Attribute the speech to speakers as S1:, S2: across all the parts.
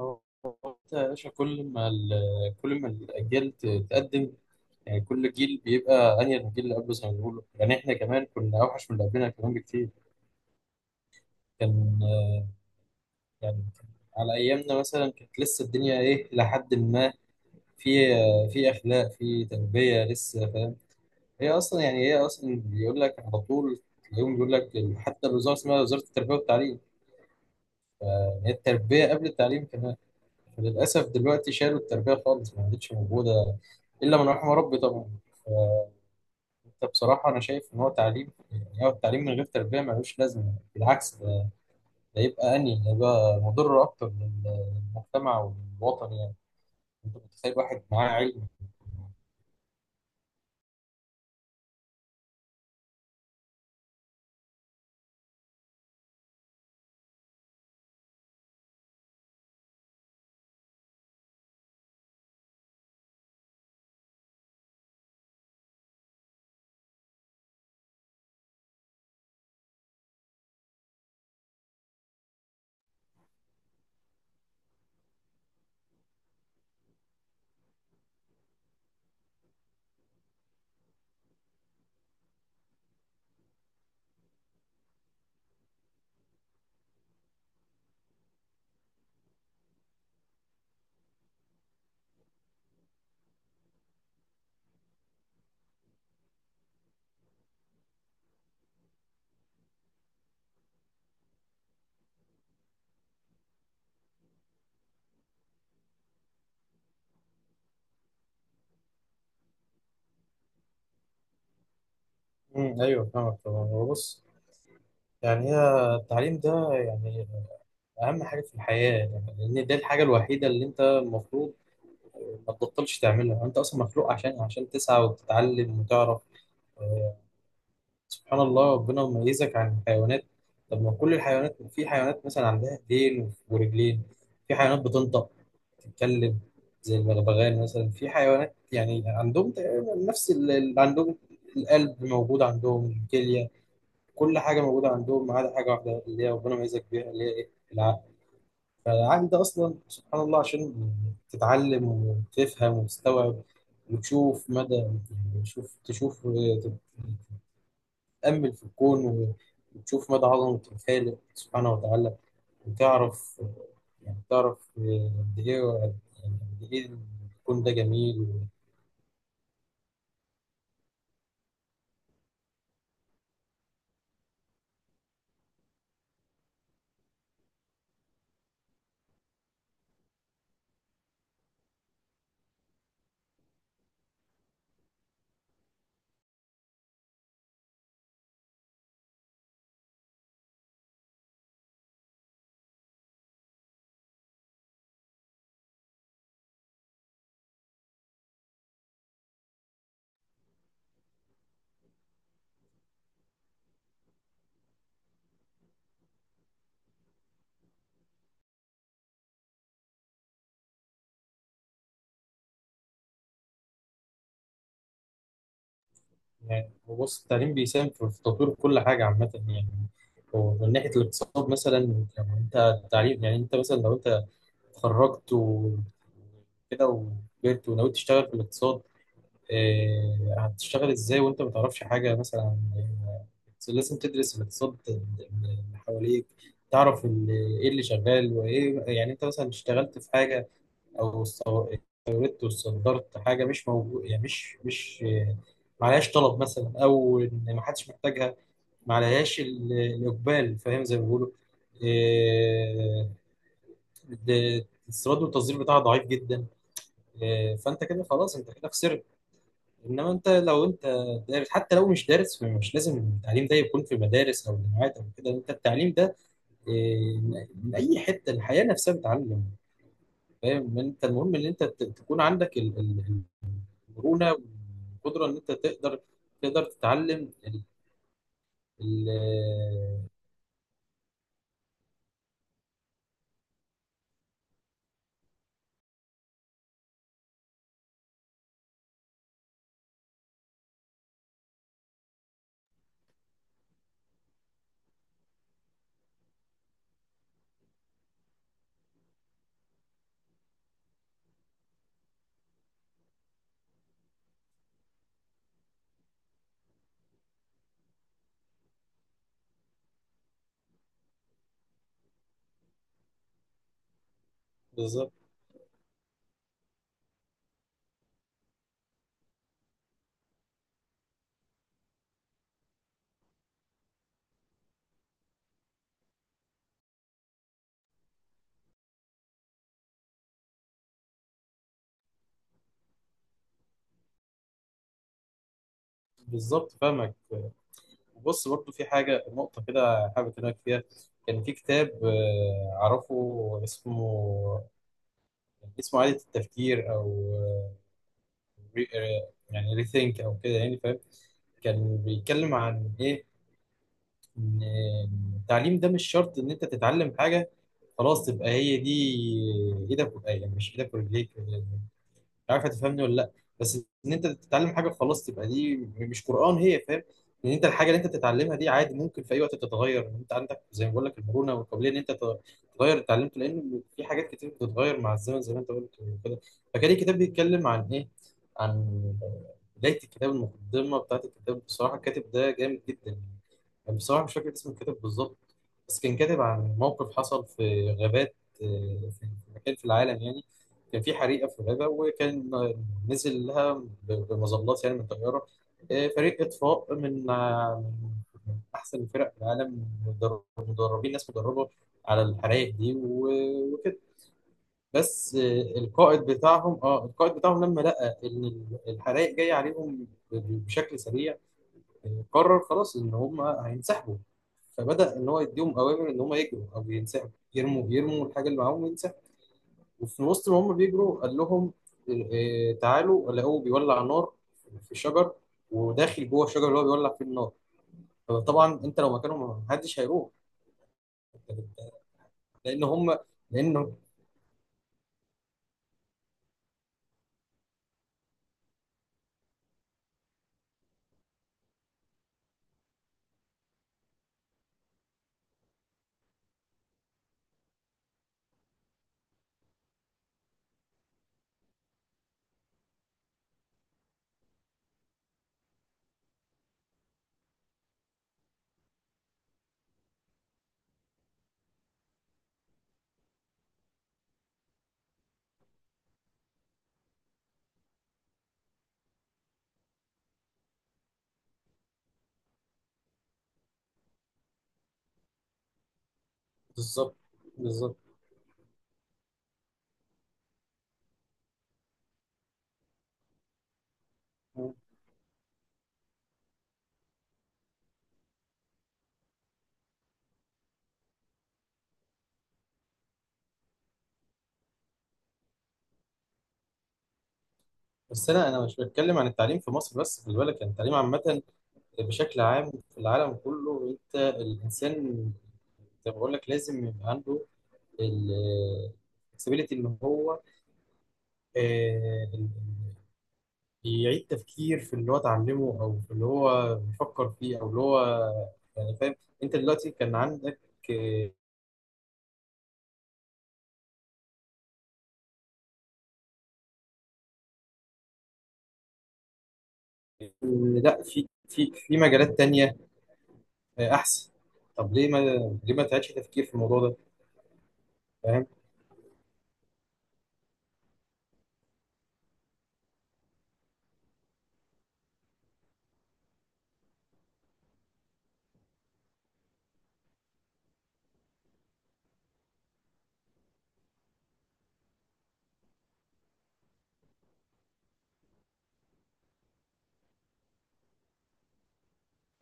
S1: هو انت يا باشا كل ما الاجيال تقدم. يعني كل جيل بيبقى انهي من الجيل اللي قبله زي ما بيقولوا، يعني احنا كمان كنا اوحش من اللي قبلنا كمان بكتير. كان يعني على ايامنا مثلا كانت لسه الدنيا ايه، لحد ما في في اخلاق، في تربيه لسه، فاهم. هي اصلا بيقول لك على طول اليوم، بيقول لك حتى الوزاره اسمها وزاره التربيه والتعليم، يعني هي التربيه قبل التعليم كمان. للأسف دلوقتي شالوا التربية خالص، ما عادتش موجودة إلا من رحم ربي طبعا. فأنت بصراحة أنا شايف إن هو تعليم، يعني هو التعليم من غير تربية ملوش لازمة، بالعكس ده ده يبقى أني ده يبقى مضر أكتر للمجتمع وللوطن يعني. أنت متخيل واحد معاه علم. ايوه فاهمك طبعا. هو بص، يعني هي التعليم ده يعني اهم حاجه في الحياه، يعني لان دي الحاجه الوحيده اللي انت المفروض ما تبطلش تعملها. انت اصلا مخلوق عشان تسعى وتتعلم وتعرف. سبحان الله ربنا مميزك عن الحيوانات. طب ما كل الحيوانات، في حيوانات مثلا عندها ايدين ورجلين، في حيوانات بتنطق، تتكلم زي البغبغان مثلا. في حيوانات يعني عندهم تقريباً نفس اللي عندهم، القلب موجود عندهم، الكلية، كل حاجة موجودة عندهم، ما عدا حاجة واحدة اللي هي ربنا ميزك بيها، اللي هي إيه؟ العقل. فالعقل ده أصلا سبحان الله عشان تتعلم وتفهم وتستوعب، وتشوف مدى، يعني تشوف تأمل في الكون، وتشوف مدى عظمة الخالق سبحانه وتعالى، وتعرف يعني تعرف قد إيه، يعني قد إيه الكون ده جميل. يعني هو بص، التعليم بيساهم في تطوير كل حاجة عامة يعني. ومن ناحية الاقتصاد مثلا، يعني أنت التعليم، يعني أنت مثلا لو أنت اتخرجت وكده وكبرت ونويت تشتغل في الاقتصاد، إيه، هتشتغل ازاي وانت ما تعرفش حاجه مثلا؟ لازم تدرس الاقتصاد اللي حواليك، تعرف ايه اللي شغال وايه. يعني انت مثلا اشتغلت في حاجه او استوردت وصدرت حاجه مش موجود، يعني مش مش معلهاش طلب مثلا، او ان ما حدش محتاجها، معلهاش الاقبال، فاهم زي ما بيقولوا. إيه، ده الاستيراد والتصدير بتاعها ضعيف جدا. فانت كده خلاص، انت كده خسرت. انما انت لو انت دارس، حتى لو مش دارس، فمش لازم التعليم ده يكون في مدارس او جامعات او كده، انت التعليم ده إيه، من اي حته، الحياه نفسها بتعلم. فاهم. انت المهم ان انت تكون عندك المرونه والقدره ان انت تقدر، تتعلم ال- بالظبط. بالظبط فاهمك. بص برضو في حاجه، نقطه كده حابب اكلمك فيها. كان في كتاب اعرفه اسمه، اسمه عادة التفكير، او آه، ري- آه، يعني ريثينك او كده، يعني فاهم. كان بيتكلم عن ايه؟ ان التعليم ده مش شرط ان انت تتعلم حاجه خلاص تبقى هي دي ايدك يعني مش ايدك ورجليك، عارف؟ هتفهمني ولا لا؟ بس ان انت تتعلم حاجه خلاص تبقى دي مش قران هي، فاهم. ان انت الحاجه اللي انت بتتعلمها دي عادي ممكن في اي وقت تتغير. ان انت عندك زي ما بقول لك المرونه والقابليه ان انت تغير اللي اتعلمته، لان في حاجات كتير بتتغير مع الزمن زي ما انت قلت كده. فكان الكتاب بيتكلم عن ايه؟ عن بدايه الكتاب، المقدمه بتاعت الكتاب، بصراحه الكاتب ده جامد جدا. يعني بصراحه مش فاكر اسم الكاتب بالظبط، بس كان كاتب عن موقف حصل في غابات، في مكان في العالم يعني. كان في حريقه في الغابه، وكان نزل لها بمظلات يعني من طياره فريق اطفاء، من احسن فرق في العالم، مدربين، ناس مدربه على الحرائق دي وكده. بس القائد بتاعهم، اه القائد بتاعهم لما لقى ان الحرائق جايه عليهم بشكل سريع، قرر خلاص ان هم هينسحبوا. فبدأ ان هو يديهم اوامر ان هم يجروا او ينسحبوا، يرموا الحاجه اللي معاهم. وفي وسط ما هم بيجروا قال لهم تعالوا، لقوه بيولع نار في شجر، وداخل جوه الشجر اللي هو بيولع فيه النار. طبعا انت لو مكانهم ما حدش هيروح، لان هم لانه بالظبط. بالظبط. بس انا مش بتكلم عن التعليم في مصر بس، خلي بالك، يعني التعليم عامه بشكل عام في العالم كله. انت الانسان زي ما بقول لك لازم يبقى عنده ال flexibility ان هو آه، يعيد تفكير في اللي هو اتعلمه، او في اللي هو بيفكر فيه، او اللي هو، يعني فاهم. انت دلوقتي كان عندك آه، إن لا، في مجالات تانية احسن. طب ليه ما، ليه ما تعيدش تفكير في الموضوع ده، فاهم.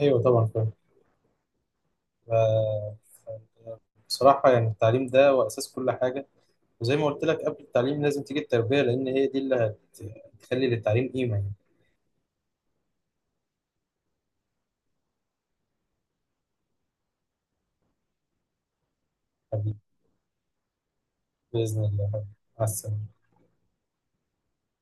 S1: ايوه طبعا فاهم. ف- بصراحة يعني التعليم ده هو اساس كل حاجة، وزي ما قلت لك قبل التعليم لازم تيجي التربية، لان هي دي اللي هتخلي للتعليم قيمة يعني. حبيبي، بإذن الله، مع السلامة.